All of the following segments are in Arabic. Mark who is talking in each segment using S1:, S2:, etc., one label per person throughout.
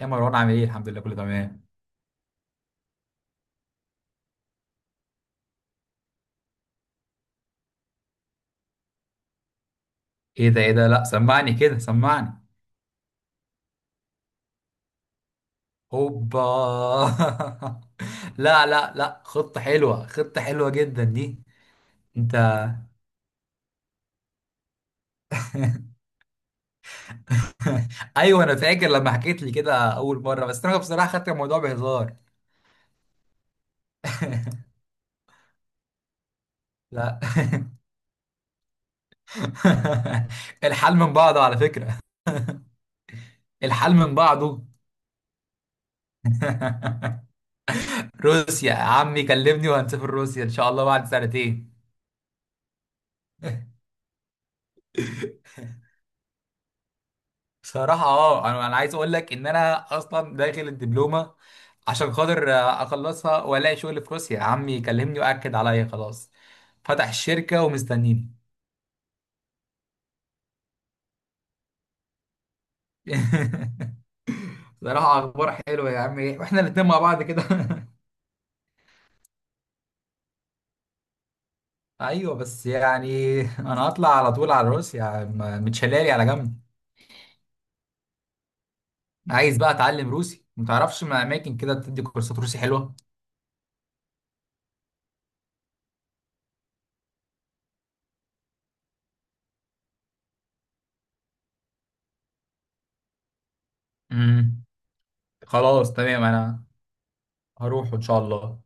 S1: يا مروان عامل ايه؟ الحمد لله كله تمام. ايه ده ايه ده، لا سمعني كده سمعني. هوبا. لا لا لا، خطة حلوة، خطة حلوة جدا دي. انت ايوه انا فاكر لما حكيت لي كده اول مرة، بس انا بصراحة خدت الموضوع بهزار. لا. الحال من بعضه على فكرة، الحال من بعضه. روسيا يا عمي كلمني وهنسافر روسيا ان شاء الله بعد سنتين. بصراحة اه انا عايز اقول لك ان انا اصلا داخل الدبلومة عشان خاطر اخلصها والاقي شغل في روسيا، عمي يكلمني واكد عليا خلاص، فتح الشركة ومستنيني. بصراحة اخبار حلوة يا عمي، واحنا الاتنين مع بعض كده. ايوه، بس يعني انا هطلع على طول على روسيا، متشلالي على جنب. عايز بقى اتعلم روسي، ما تعرفش ما اماكن كده بتدي كورسات روسي حلوة؟ امم خلاص تمام، انا هروح ان شاء الله.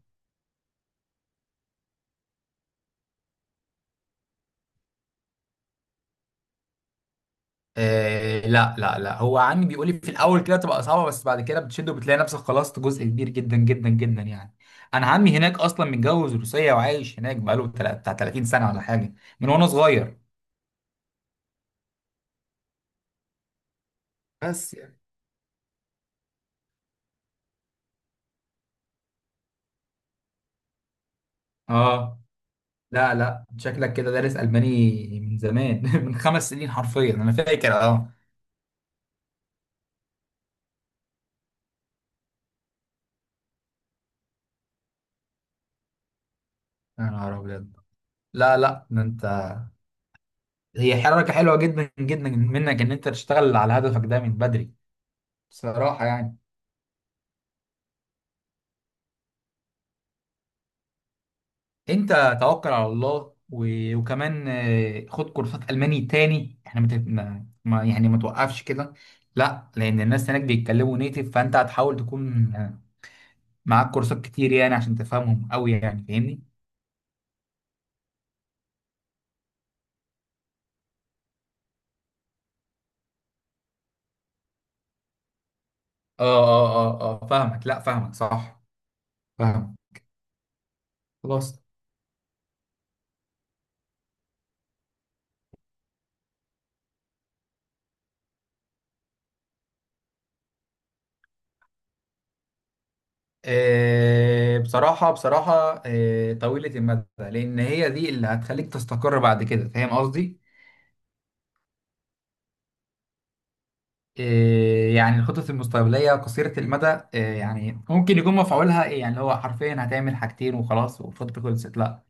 S1: آه لا لا لا، هو عمي بيقول لي في الاول كده بتبقى صعبه، بس بعد كده بتشد وبتلاقي نفسك خلصت جزء كبير جدا جدا جدا يعني. انا عمي هناك اصلا متجوز روسيه وعايش هناك بقاله بتاع 30 سنه ولا حاجه، من وانا صغير. بس يعني اه، لا لا شكلك كده دارس الماني من زمان من 5 سنين حرفيا انا فاكر، اه. يا نهار ابيض، لا لا ده انت، هي حركه حلوه جدا جدا منك ان انت تشتغل على هدفك ده من بدري بصراحه يعني. انت توكل على الله وكمان خد كورسات الماني تاني، احنا مت... ما... ما- يعني ما توقفش كده. لا لان الناس هناك بيتكلموا نيتف، فانت هتحاول تكون معاك كورسات كتير يعني عشان تفهمهم قوي يعني، فاهمني؟ فاهمك، لا فاهمك صح، فاهمك خلاص. آه بصراحة بصراحة آه طويلة المدى، لأن هي دي اللي هتخليك تستقر بعد كده، فاهم قصدي؟ إيه يعني الخطط المستقبلية قصيرة المدى؟ إيه يعني ممكن يكون مفعولها إيه يعني، اللي هو حرفيا هتعمل حاجتين وخلاص والخطة خلصت؟ لا،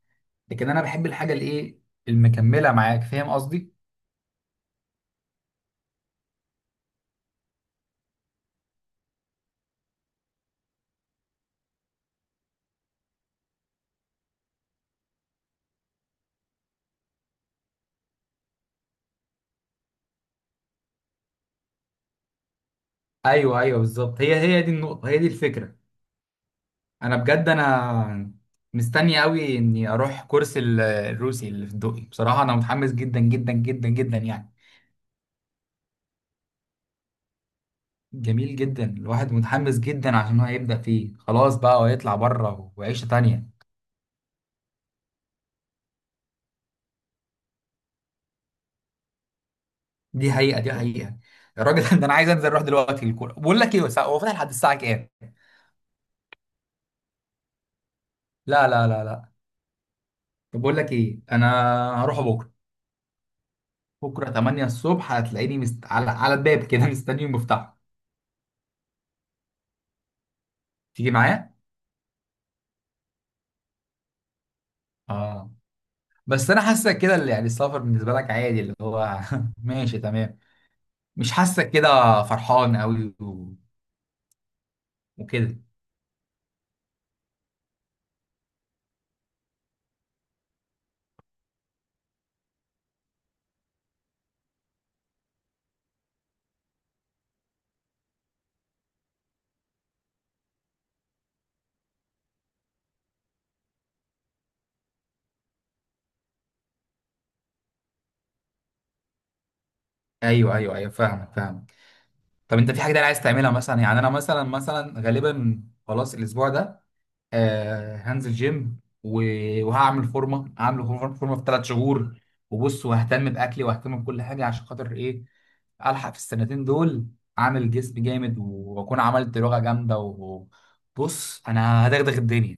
S1: لكن أنا بحب الحاجة الإيه، المكملة معاك، فاهم قصدي؟ أيوه أيوه بالظبط، هي هي دي النقطة، هي دي الفكرة. أنا بجد أنا مستني أوي إني أروح كورس الروسي اللي في الدقي، بصراحة أنا متحمس جدا جدا جدا جدا يعني. جميل جدا، الواحد متحمس جدا عشان هو هيبدأ فيه خلاص بقى ويطلع بره، وعيشة تانية. دي حقيقة، دي حقيقة. الراجل ده انا عايز انزل اروح دلوقتي الكورة، بقول لك ايه، هو فاتح لحد الساعة كام؟ لا لا لا لا. طب بقول لك ايه، انا هروح بكرة. بكرة 8 الصبح هتلاقيني على على الباب كده مستني المفتاح. تيجي معايا؟ اه. بس انا حاسك كده اللي يعني السفر بالنسبة لك عادي، اللي هو ماشي تمام، مش حاسك كده فرحان قوي وكده. ايوه ايوه ايوه فاهمك فاهمك. طب انت في حاجة تانية عايز تعملها مثلا؟ يعني انا مثلا مثلا غالبا خلاص الاسبوع ده آه هنزل جيم وهعمل فورمه، هعمل فورمه، فورمة في 3 شهور. وبص، وههتم باكلي واهتم بكل حاجه عشان خاطر ايه؟ الحق في السنتين دول، عامل جسم جامد واكون عملت لغه جامده، وبص انا هدغدغ الدنيا.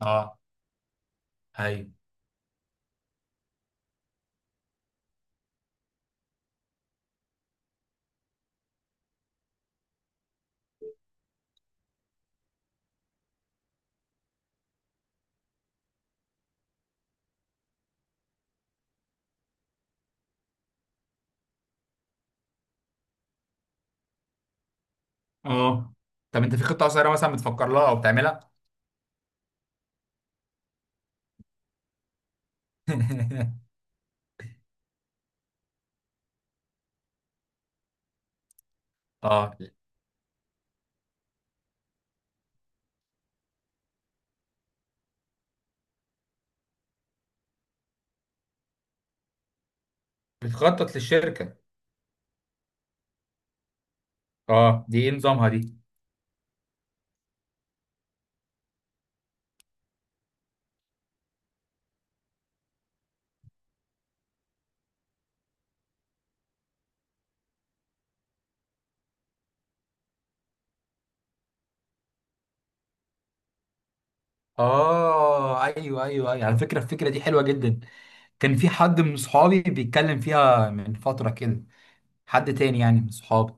S1: اه ايوه اه. طب انت في خطه قصيره مثلا بتفكر لها او بتعملها؟ اه، بتخطط للشركه؟ اه دي ايه نظامها دي؟ اه ايوه ايوه ايوه، على فكره الفكره دي حلوه جدا. كان في حد من صحابي بيتكلم فيها من فترة كده، حد تاني يعني من صحابي.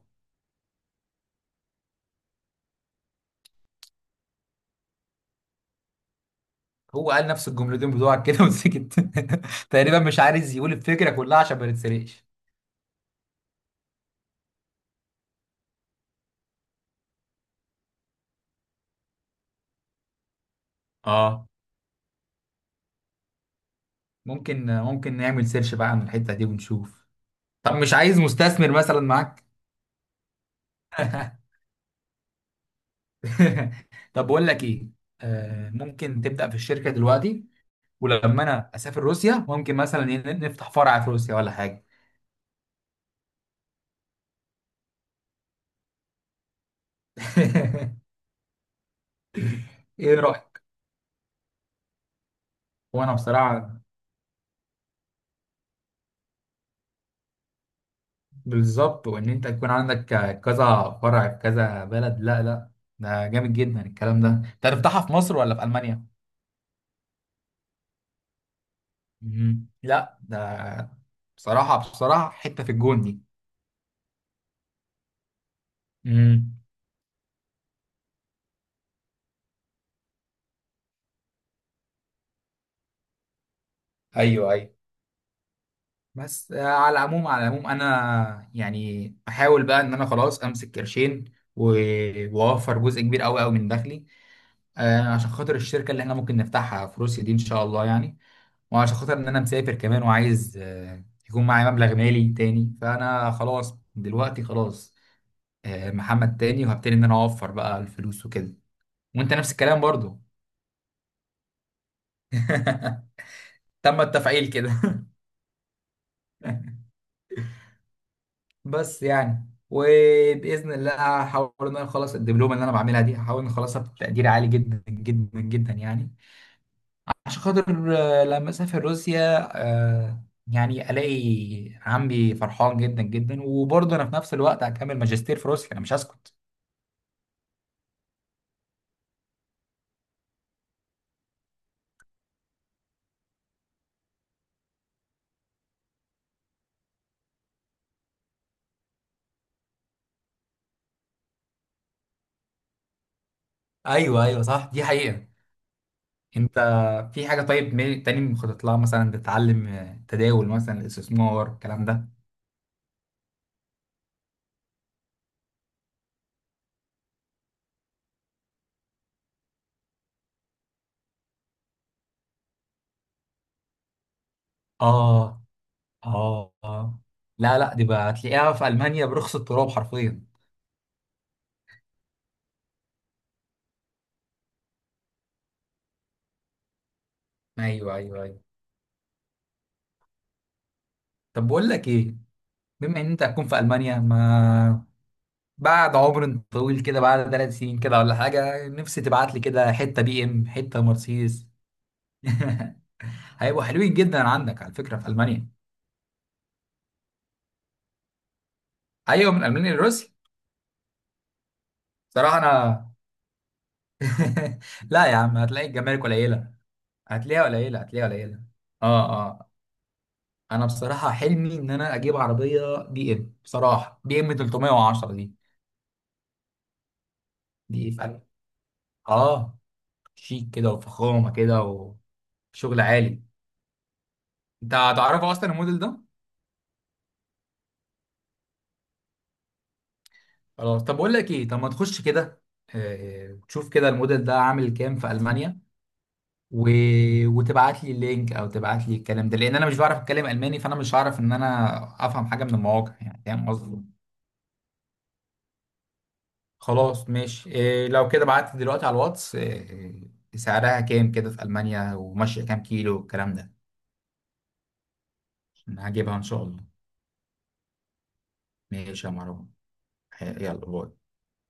S1: هو قال نفس الجملتين بتوعك كده وسكت. تقريبا مش عايز يقول الفكرة كلها عشان ما نتسرقش. اه، ممكن ممكن نعمل سيرش بقى عن الحتة دي ونشوف. طب مش عايز مستثمر مثلا معاك؟ طب بقول لك ايه، آه ممكن تبدأ في الشركة دلوقتي؟ ولما انا اسافر روسيا ممكن مثلا نفتح فرع في روسيا ولا حاجة. ايه رأيك؟ وانا بصراحة، بالظبط، وان انت يكون عندك كذا فرع في كذا بلد، لا لا ده جامد جدا الكلام ده. انت هتفتحها في مصر ولا في المانيا؟ مم. لا ده بصراحه بصراحه حته في الجون دي. مم. ايوه ايوه. بس على العموم على العموم انا يعني احاول بقى ان انا خلاص امسك قرشين واوفر جزء كبير قوي قوي من دخلي عشان خاطر الشركة اللي احنا ممكن نفتحها في روسيا دي ان شاء الله يعني. وعشان خاطر ان انا مسافر كمان وعايز يكون معايا مبلغ مالي تاني، فانا خلاص دلوقتي خلاص محمد تاني، وهبتدي ان انا اوفر بقى الفلوس وكده. وانت نفس الكلام برضو. تم التفعيل كده. بس يعني وباذن الله هحاول ان انا اخلص الدبلومه اللي انا بعملها دي، هحاول ان اخلصها بتقدير عالي جدا جدا جدا يعني، عشان خاطر لما اسافر روسيا يعني الاقي عمي فرحان جدا جدا، وبرضه انا في نفس الوقت هكمل ماجستير في روسيا، انا مش هسكت. ايوه ايوه صح دي حقيقة. انت في حاجة طيب تاني مخطط لها مثلا؟ تتعلم تداول مثلا، الاستثمار، الكلام ده. اه اه اه، لا لا دي بقى هتلاقيها في المانيا برخص التراب حرفيا. ايوه ايوه ايوه. طب بقول لك ايه، بما ان انت هتكون في المانيا، ما بعد عمر طويل كده، بعد 3 سنين كده ولا حاجة، نفسي تبعت لي كده حتة بي ام، حتة مرسيدس. هيبقوا حلوين جدا عندك على فكرة في ألمانيا. أيوة، من ألمانيا لروسيا. صراحة أنا لا يا عم هتلاقي الجمارك قليلة، هتلاقيها قليلة، هتلاقيها قليلة. اه اه. أنا بصراحة حلمي إن أنا أجيب عربية بي ام، بصراحة بي ام 310 دي، دي فعلا اه شيك كده وفخامة كده وشغل عالي. أنت هتعرفه أصلا الموديل ده؟ خلاص طب بقول لك ايه، طب ما تخش كده تشوف كده الموديل ده عامل كام في المانيا و... وتبعت لي اللينك او تبعت لي الكلام ده، لان انا مش بعرف اتكلم الماني، فانا مش هعرف ان انا افهم حاجه من المواقع يعني، فاهم قصدي؟ خلاص ماشي، إيه لو كده بعت لي دلوقتي على الواتس إيه سعرها كام كده في المانيا، وماشيه كام كيلو والكلام ده. عشان هجيبها ان شاء الله. ماشي يا مروان. يلا باي.